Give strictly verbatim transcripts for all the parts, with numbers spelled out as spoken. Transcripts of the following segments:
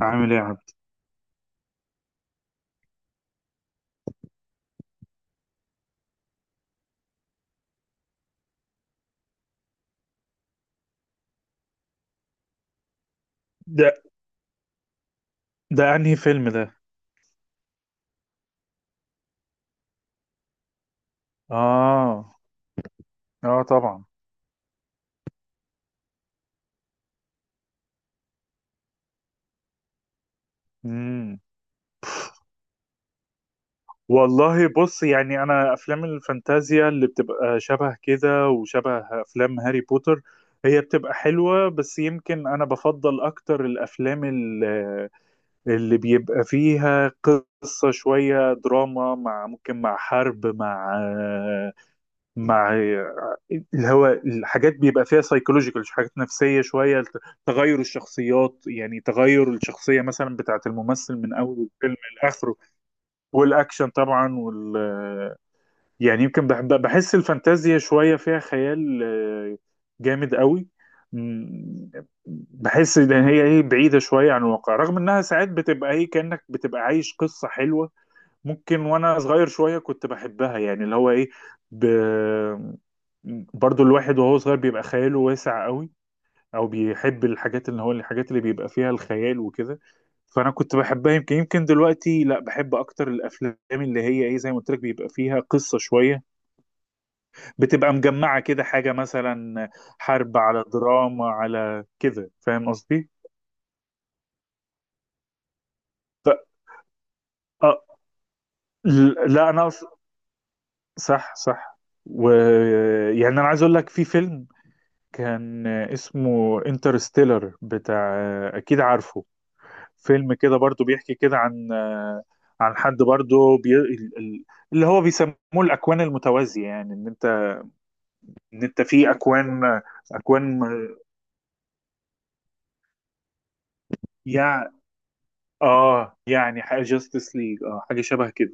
عامل ايه يا عبد؟ ده ده انهي فيلم ده؟ اه، اه طبعا. امم والله بص، يعني انا افلام الفانتازيا اللي بتبقى شبه كده وشبه افلام هاري بوتر هي بتبقى حلوة، بس يمكن انا بفضل اكتر الافلام اللي, اللي بيبقى فيها قصة، شوية دراما مع ممكن مع حرب مع مع الهواء، الحاجات بيبقى فيها سايكولوجيكال، حاجات نفسية شوية، تغير الشخصيات، يعني تغير الشخصية مثلا بتاعت الممثل من أول الفيلم لآخره. والأكشن طبعا، وال يعني يمكن بحب، بحس الفانتازيا شوية فيها خيال آه، جامد قوي. م- بحس ان هي ايه، بعيدة شوية عن الواقع، رغم انها ساعات بتبقى ايه كأنك بتبقى عايش قصة حلوة. ممكن وانا صغير شويه كنت بحبها، يعني اللي هو ايه، ب... برضو الواحد وهو صغير بيبقى خياله واسع قوي، او بيحب الحاجات اللي هو الحاجات اللي بيبقى فيها الخيال وكده. فانا كنت بحبها، يمكن يمكن دلوقتي لا، بحب اكتر الافلام اللي هي ايه، زي ما قلت لك، بيبقى فيها قصه شويه، بتبقى مجمعه كده، حاجه مثلا حرب على دراما على كده، فاهم قصدي؟ ف... آه، لا انا أص... صح، صح. ويعني انا عايز اقول لك في فيلم كان اسمه انترستيلر بتاع، اكيد عارفه، فيلم كده برضو بيحكي كده عن عن حد برضو بي... ال- ال- اللي هو بيسموه الاكوان المتوازية، يعني ان انت ان انت في اكوان، اكوان، يع... اه يعني حاجة جاستس ليج، اه حاجة شبه كده.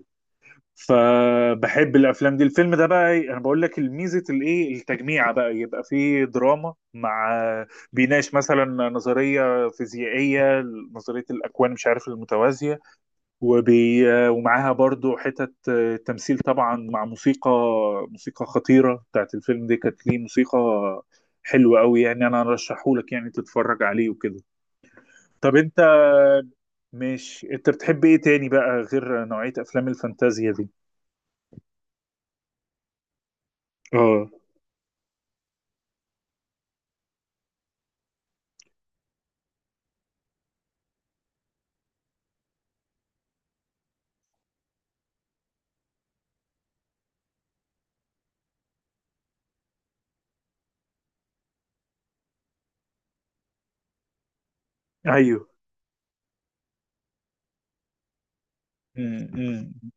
فبحب الافلام دي. الفيلم ده بقى إيه، انا بقول لك الميزه الايه التجميع، بقى يبقى فيه دراما مع، بيناقش مثلا نظريه فيزيائيه، نظريه الاكوان مش عارف المتوازيه، وبي ومعاها برضو حتت تمثيل طبعا، مع موسيقى، موسيقى خطيره بتاعت الفيلم دي، كانت ليه موسيقى حلوه قوي. يعني انا ارشحه لك يعني تتفرج عليه وكده. طب انت، مش انت بتحب ايه تاني بقى غير نوعيه افلام الفانتازيا دي؟ اه، ايوه. مم، مم.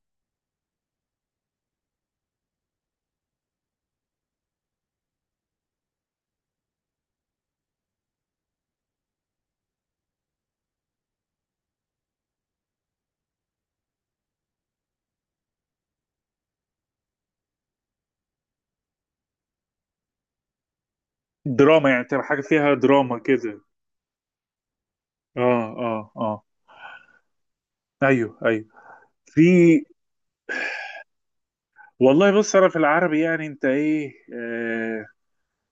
دراما، يعني تبقى حاجة فيها دراما كده. اه، اه، اه. ايوه، ايوه. في، والله بص انا في العربي، يعني انت ايه آه،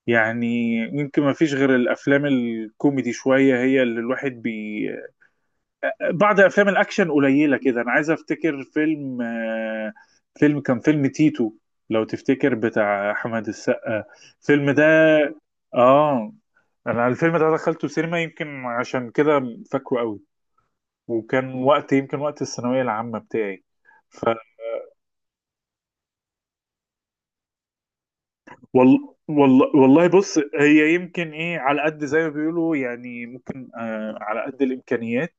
يعني يمكن ما فيش غير الافلام الكوميدي شوية هي اللي الواحد بي بعض افلام الاكشن قليلة كده. انا عايز افتكر فيلم آه، فيلم كان فيلم تيتو، لو تفتكر، بتاع احمد السقا. الفيلم ده، اه انا الفيلم ده دخلته سينما يمكن عشان كده فاكره قوي، وكان وقت يمكن وقت الثانوية العامة بتاعي. ف وال... والله، والله بص، هي يمكن ايه على قد زي ما بيقولوا يعني، ممكن آه على قد الامكانيات.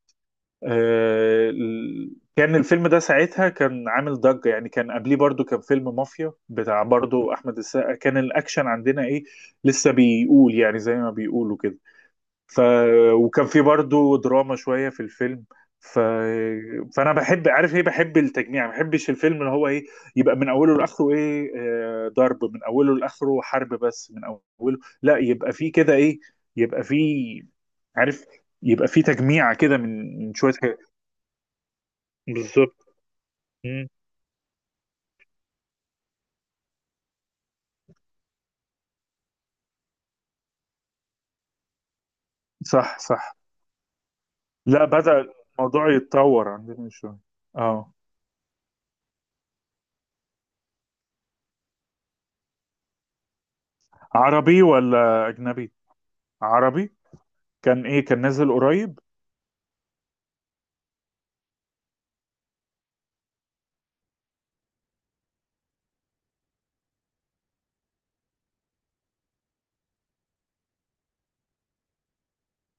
آه، ال- كان الفيلم ده ساعتها كان عامل ضجة، يعني كان قبليه برضو كان فيلم مافيا بتاع برضو احمد السقا، كان الاكشن عندنا ايه لسه بيقول يعني، زي ما بيقولوا كده. ف... وكان في برضو دراما شوية في الفيلم. ف... فانا بحب، عارف ايه، بحب التجميع. ما بحبش الفيلم اللي هو ايه يبقى من اوله لاخره ايه آه، ضرب من اوله لاخره، حرب بس من اوله. لا يبقى في كده ايه، يبقى في، عارف، يبقى في تجميع كده من من شوية حاجات. بالظبط. مم. صح، صح. لا بدأ الموضوع يتطور عندنا شوية. اه. عربي ولا اجنبي؟ عربي، كان ايه، كان نازل قريب؟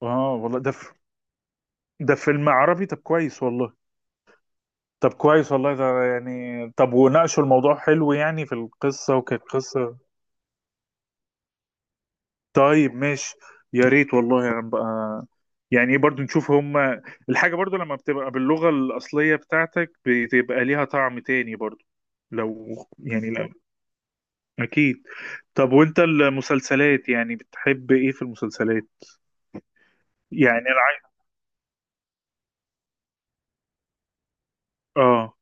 اه والله، ده ده فيلم عربي، طب كويس والله. طب كويس والله ده. يعني طب وناقشوا الموضوع حلو، يعني في القصة وكانت قصة؟ طيب، ماشي. يا ريت والله يعني بقى، يعني ايه، برضو نشوف هما. الحاجة برضو لما بتبقى باللغة الأصلية بتاعتك بتبقى ليها طعم تاني برضو، لو يعني لا، أكيد. طب وأنت المسلسلات، يعني بتحب إيه في المسلسلات؟ يعني أنا عايز، آه،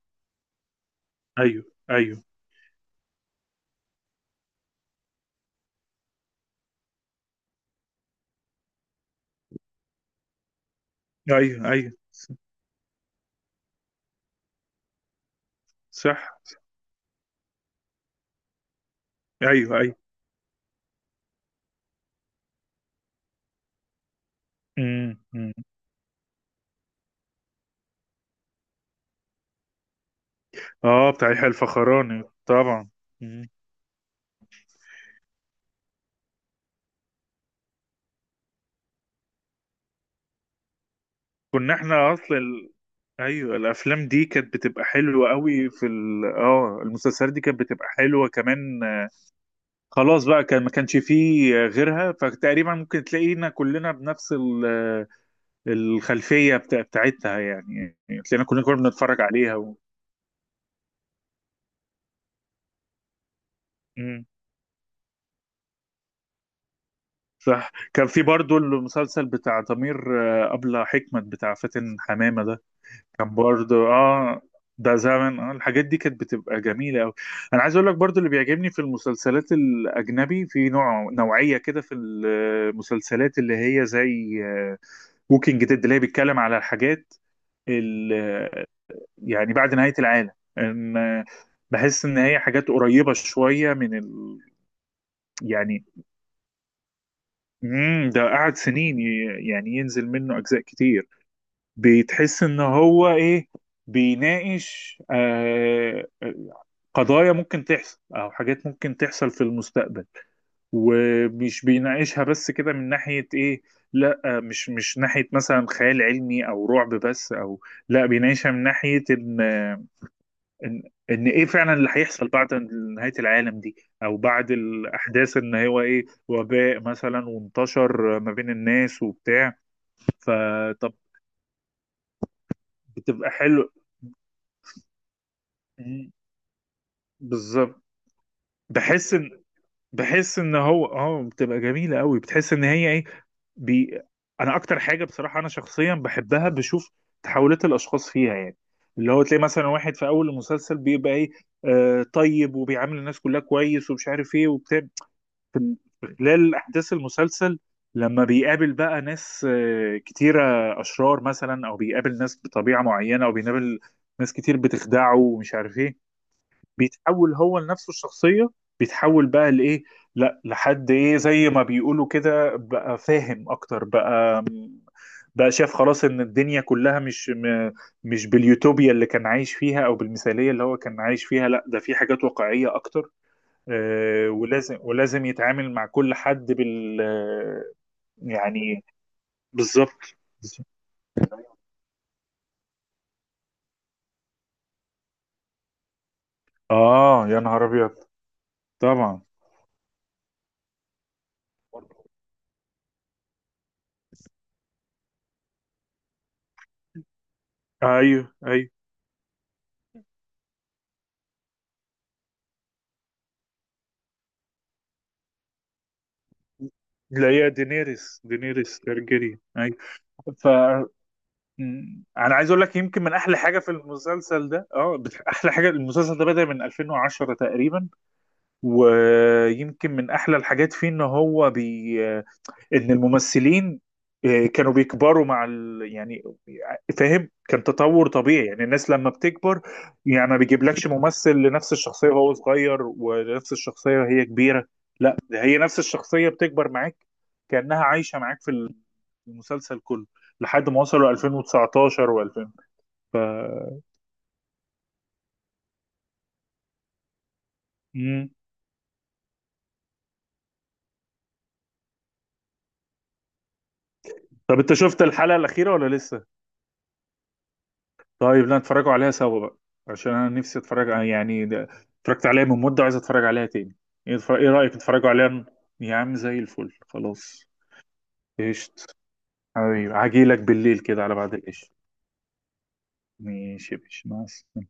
أيوه أيوه. أيوه أيوه. صح. أيوه أيوه. إمم، إمم. اه بتاع يحيى الفخراني طبعا. مم. كنا احنا اصلا ال... ايوه الافلام دي كانت بتبقى حلوه قوي في ال... اه المسلسلات دي كانت بتبقى حلوه كمان. آه، خلاص بقى كان ما كانش فيه آه غيرها، فتقريبا ممكن تلاقينا كلنا بنفس ال... آه، الخلفيه بتاع... بتاعتها، يعني يعني تلاقينا كلنا كنا بنتفرج عليها و... مم. صح، كان في برضو المسلسل بتاع ضمير، آه، أبلة حكمت بتاع فاتن حمامة ده، كان برضو اه، ده زمن، اه الحاجات دي كانت بتبقى جميلة أوي. أنا عايز أقول لك برضو اللي بيعجبني في المسلسلات الأجنبي، في نوع، نوعية كده في المسلسلات اللي هي زي ووكينج ديد، اللي هي بيتكلم على الحاجات ال- يعني بعد نهاية العالم، إن آه، بحس إن هي حاجات قريبة شوية من ال... يعني، مم ده قعد سنين ي- يعني ينزل منه أجزاء كتير. بتحس إن هو إيه بيناقش آه قضايا ممكن تحصل، او حاجات ممكن تحصل في المستقبل، ومش بيناقشها بس كده من ناحية ايه، لا مش، مش ناحية مثلا خيال علمي او رعب بس، او لا بيناقشها من ناحية ان ان ان ايه فعلا اللي هيحصل بعد نهاية العالم دي، او بعد الاحداث ان هو ايه وباء مثلا وانتشر ما بين الناس وبتاع. فطب، بتبقى حلو. مم، بالظبط. بحس ان، بحس ان هو اه بتبقى جميله قوي، بتحس ان هي ايه، بي، انا اكتر حاجه بصراحه انا شخصيا بحبها بشوف تحولات الاشخاص فيها، يعني اللي هو تلاقي مثلا واحد في اول المسلسل بيبقى ايه آه طيب، وبيعامل الناس كلها كويس ومش عارف ايه وبتاع، في، في خلال احداث المسلسل لما بيقابل بقى ناس آه كتيره، اشرار مثلا، او بيقابل ناس بطبيعه معينه، او بيقابل ناس كتير بتخدعه ومش عارف ايه، بيتحول هو لنفسه الشخصية، بيتحول بقى لإيه، لا لحد إيه زي ما بيقولوا كده، بقى فاهم أكتر، بقى بقى شاف خلاص إن الدنيا كلها مش م- مش باليوتوبيا اللي كان عايش فيها، أو بالمثالية اللي هو كان عايش فيها، لا ده في حاجات واقعية أكتر. آه، ولازم ولازم يتعامل مع كل حد بال آه، يعني بالظبط. آه يا نهار أبيض. طبعا. أيوه أيوه. لا هي دينيريس، دينيريس تارجيريان. ف م- انا عايز اقول لك يمكن من احلى حاجه في المسلسل ده اه بت- احلى حاجه المسلسل ده بدأ من ألفين وعشرة تقريبا، ويمكن من احلى الحاجات فيه ان هو بي، ان الممثلين آه، كانوا بيكبروا مع ال... يعني فاهم، كان تطور طبيعي، يعني الناس لما بتكبر. يعني ما بيجيبلكش ممثل لنفس الشخصية وهو صغير ونفس الشخصية وهي كبيرة، لا ده هي نفس الشخصية بتكبر معاك، كأنها عايشة معاك في المسلسل كله، لحد ما وصلوا ألفين وتسعتاشر و2000. مم. طب انت شفت الحلقة الأخيرة ولا لسه؟ طيب، لا نتفرجوا عليها سوا بقى، عشان انا نفسي اتفرج ع- يعني ده، اتفرجت عليها من مدة وعايز اتفرج عليها تاني. ايه تفر- إيه رأيك نتفرجوا عليها ن-، يا عم زي الفل خلاص. قشط. حبيبي هجيلك بالليل كده على بعد القشط. ماشي يا باشا، مع السلامة.